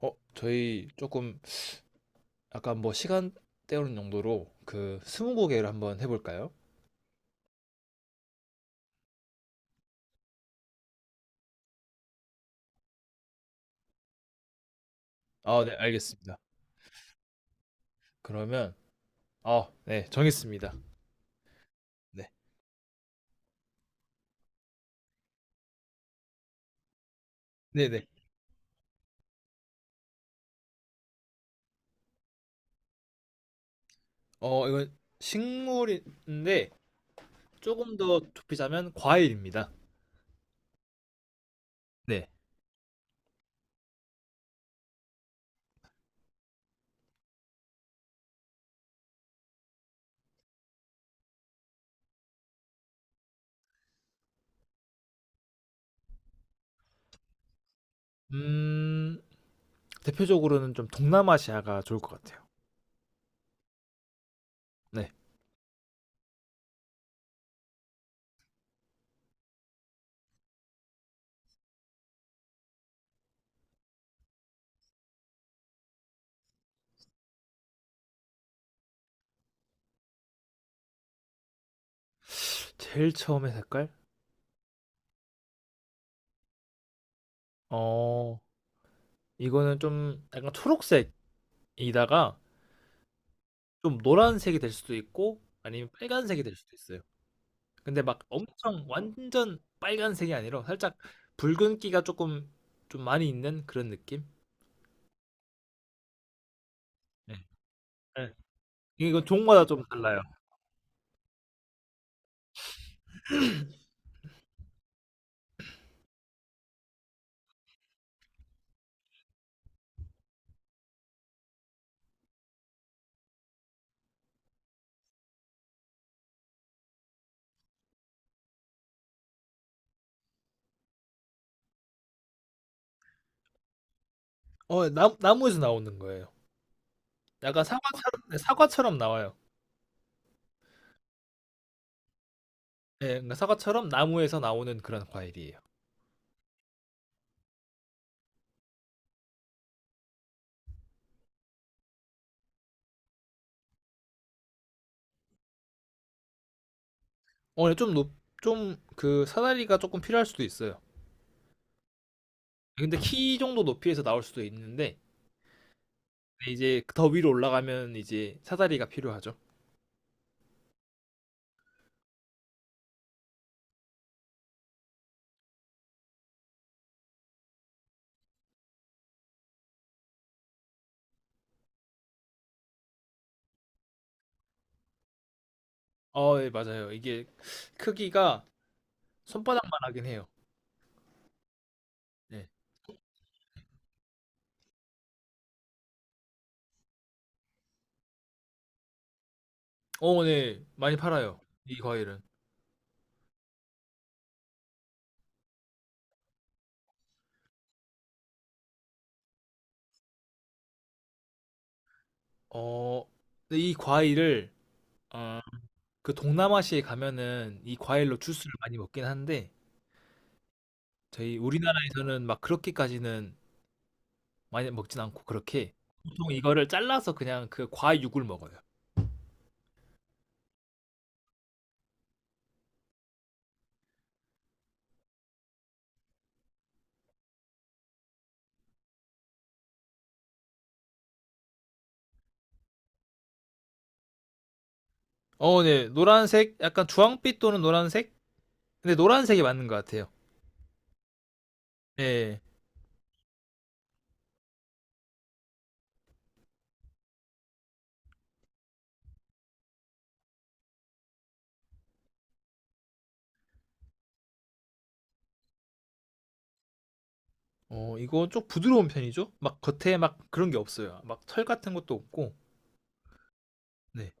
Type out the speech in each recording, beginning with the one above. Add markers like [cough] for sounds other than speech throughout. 저희 조금 약간 뭐 시간 때우는 용도로 그 스무고개를 한번 해볼까요? 아, 네, 알겠습니다. 그러면 아, 네, 정했습니다. 네, 네, 네. 이건 식물인데 조금 더 좁히자면 과일입니다. 네. 음, 대표적으로는 좀 동남아시아가 좋을 것 같아요. 네. 제일 처음에 색깔? 어, 이거는 좀 약간 초록색이다가 좀 노란색이 될 수도 있고 아니면 빨간색이 될 수도 있어요. 근데 막 엄청 완전 빨간색이 아니라 살짝 붉은기가 조금 좀 많이 있는 그런 느낌? 네. 네. 이건 종마다 좀 달라요. 나무에서 나오는 거예요. 약간 사과처럼, 네, 사과처럼 나와요. 네, 그러니까 사과처럼 나무에서 나오는 그런 과일이에요. 어, 좀 높, 좀그 사다리가 조금 필요할 수도 있어요. 근데 키 정도 높이에서 나올 수도 있는데 이제 더 위로 올라가면 이제 사다리가 필요하죠. 네 맞아요. 이게 크기가 손바닥만 하긴 해요. 네. 네. 많이 팔아요. 이 과일은. 어, 근데 이 과일을, 어, 그 동남아시아에 가면은 이 과일로 주스를 많이 먹긴 한데, 저희 우리나라에서는 막 그렇게까지는 많이 먹진 않고, 그렇게. 보통 이거를 잘라서 그냥 그 과육을 먹어요. 네. 노란색, 약간 주황빛 또는 노란색? 근데 노란색이 맞는 것 같아요. 네. 이거 좀 부드러운 편이죠? 막 겉에 막 그런 게 없어요. 막 털 같은 것도 없고. 네.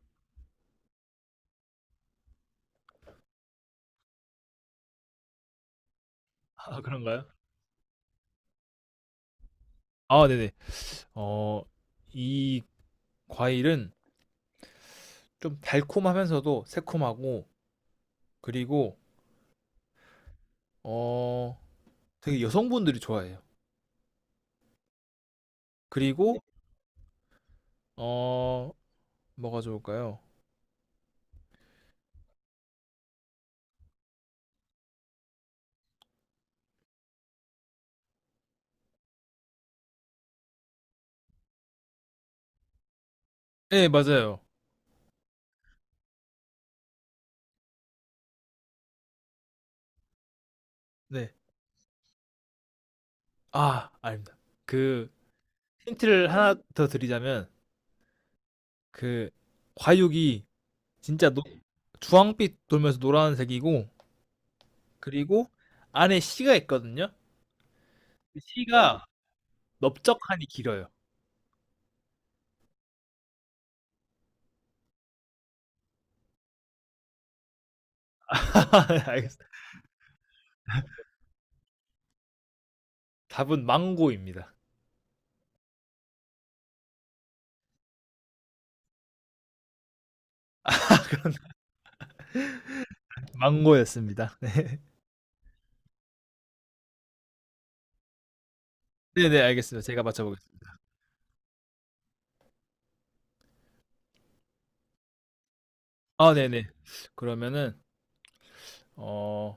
[laughs] 아 그런가요? 아 네네. 어 이 과일은 좀 달콤하면서도 새콤하고 그리고 어 되게 여성분들이 좋아해요. 네. 그리고 어 뭐가 좋을까요? 네 맞아요. 네. 아 아닙니다. 그 힌트를 하나 더 드리자면 그 과육이 진짜 노 네. 주황빛 돌면서 노란색이고 그리고 안에 씨가 있거든요. 그 씨가 넓적하니 길어요. [laughs] 알겠습니다. 답은 망고입니다. 망고였습니다. 네. 네네, 알겠습니다. 제가 맞춰보겠습니다. 아, 네네. 그러면은, 어,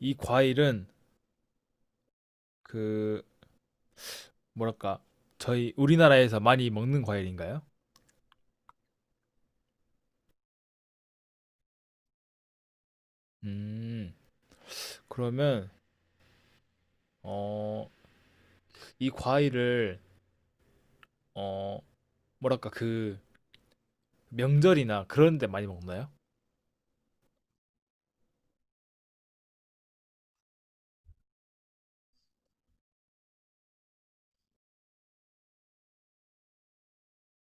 이 과일은 그, 뭐랄까, 저희 우리나라에서 많이 먹는 과일인가요? 음, 그러면, 어, 이 과일을, 어, 뭐랄까, 그, 명절이나 그런 데 많이 먹나요?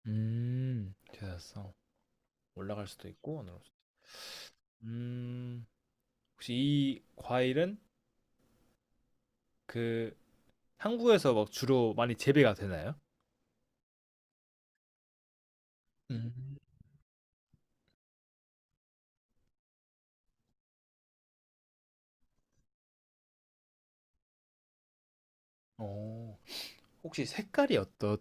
찾았어. 올라갈 수도 있고, 안 올라갈 수도 있고. 음, 혹시 이 과일은 그 한국에서 막 주로 많이 재배가 되나요? 음. 어, 혹시 색깔이 어떨까요?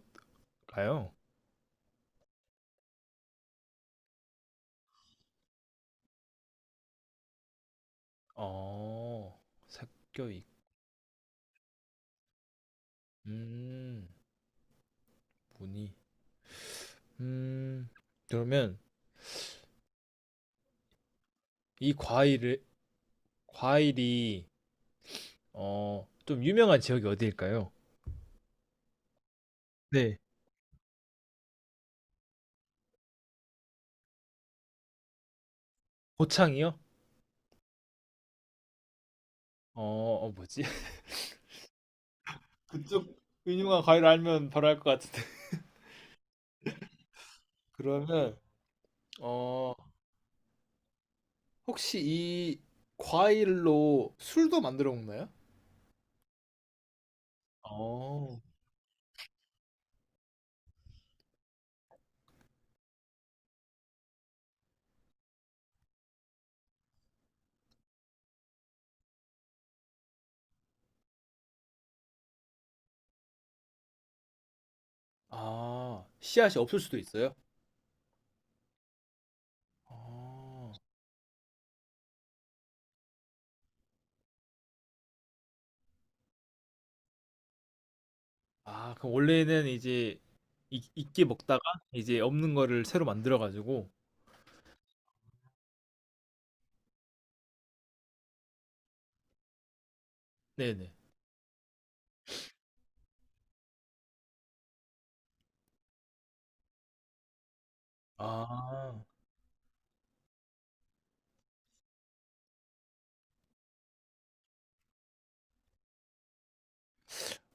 어, 섞여있, 음, 무늬. 음, 그러면 이 과일을, 과일이, 좀 유명한 지역이 어디일까요? 네. 고창이요? 어, 뭐지? [laughs] 그쪽 유명한 과일 알면 바로 알 것 같은데. [laughs] 그러면, 어, 혹시 이 과일로 술도 만들어 먹나요? 어. 아, 씨앗이 없을 수도 있어요? 어. 아, 그럼 원래는 이제 있게 먹다가 이제 없는 거를 새로 만들어 가지고 네네. 아,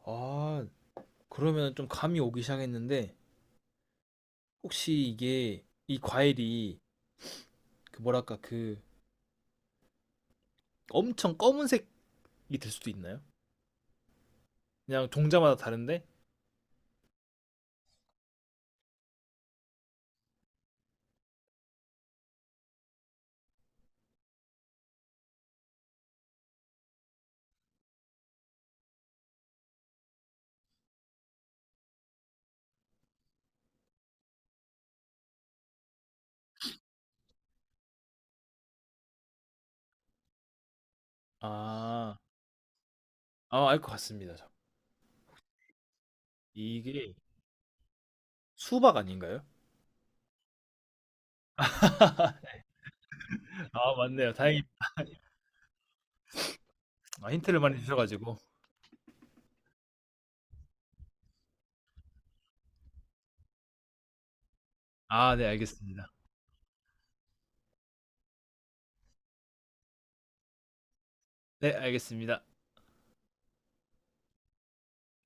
아, 그러면 좀 감이 오기 시작했는데 혹시 이게 이 과일이 그 뭐랄까 그 엄청 검은색이 될 수도 있나요? 그냥 종자마다 다른데? 아, 아, 알 것 같습니다. 저. 이게 수박 아닌가요? 아, 맞네요. 다행히 아, 힌트를 많이 주셔가지고. 아, 네, 알겠습니다. 네, 알겠습니다.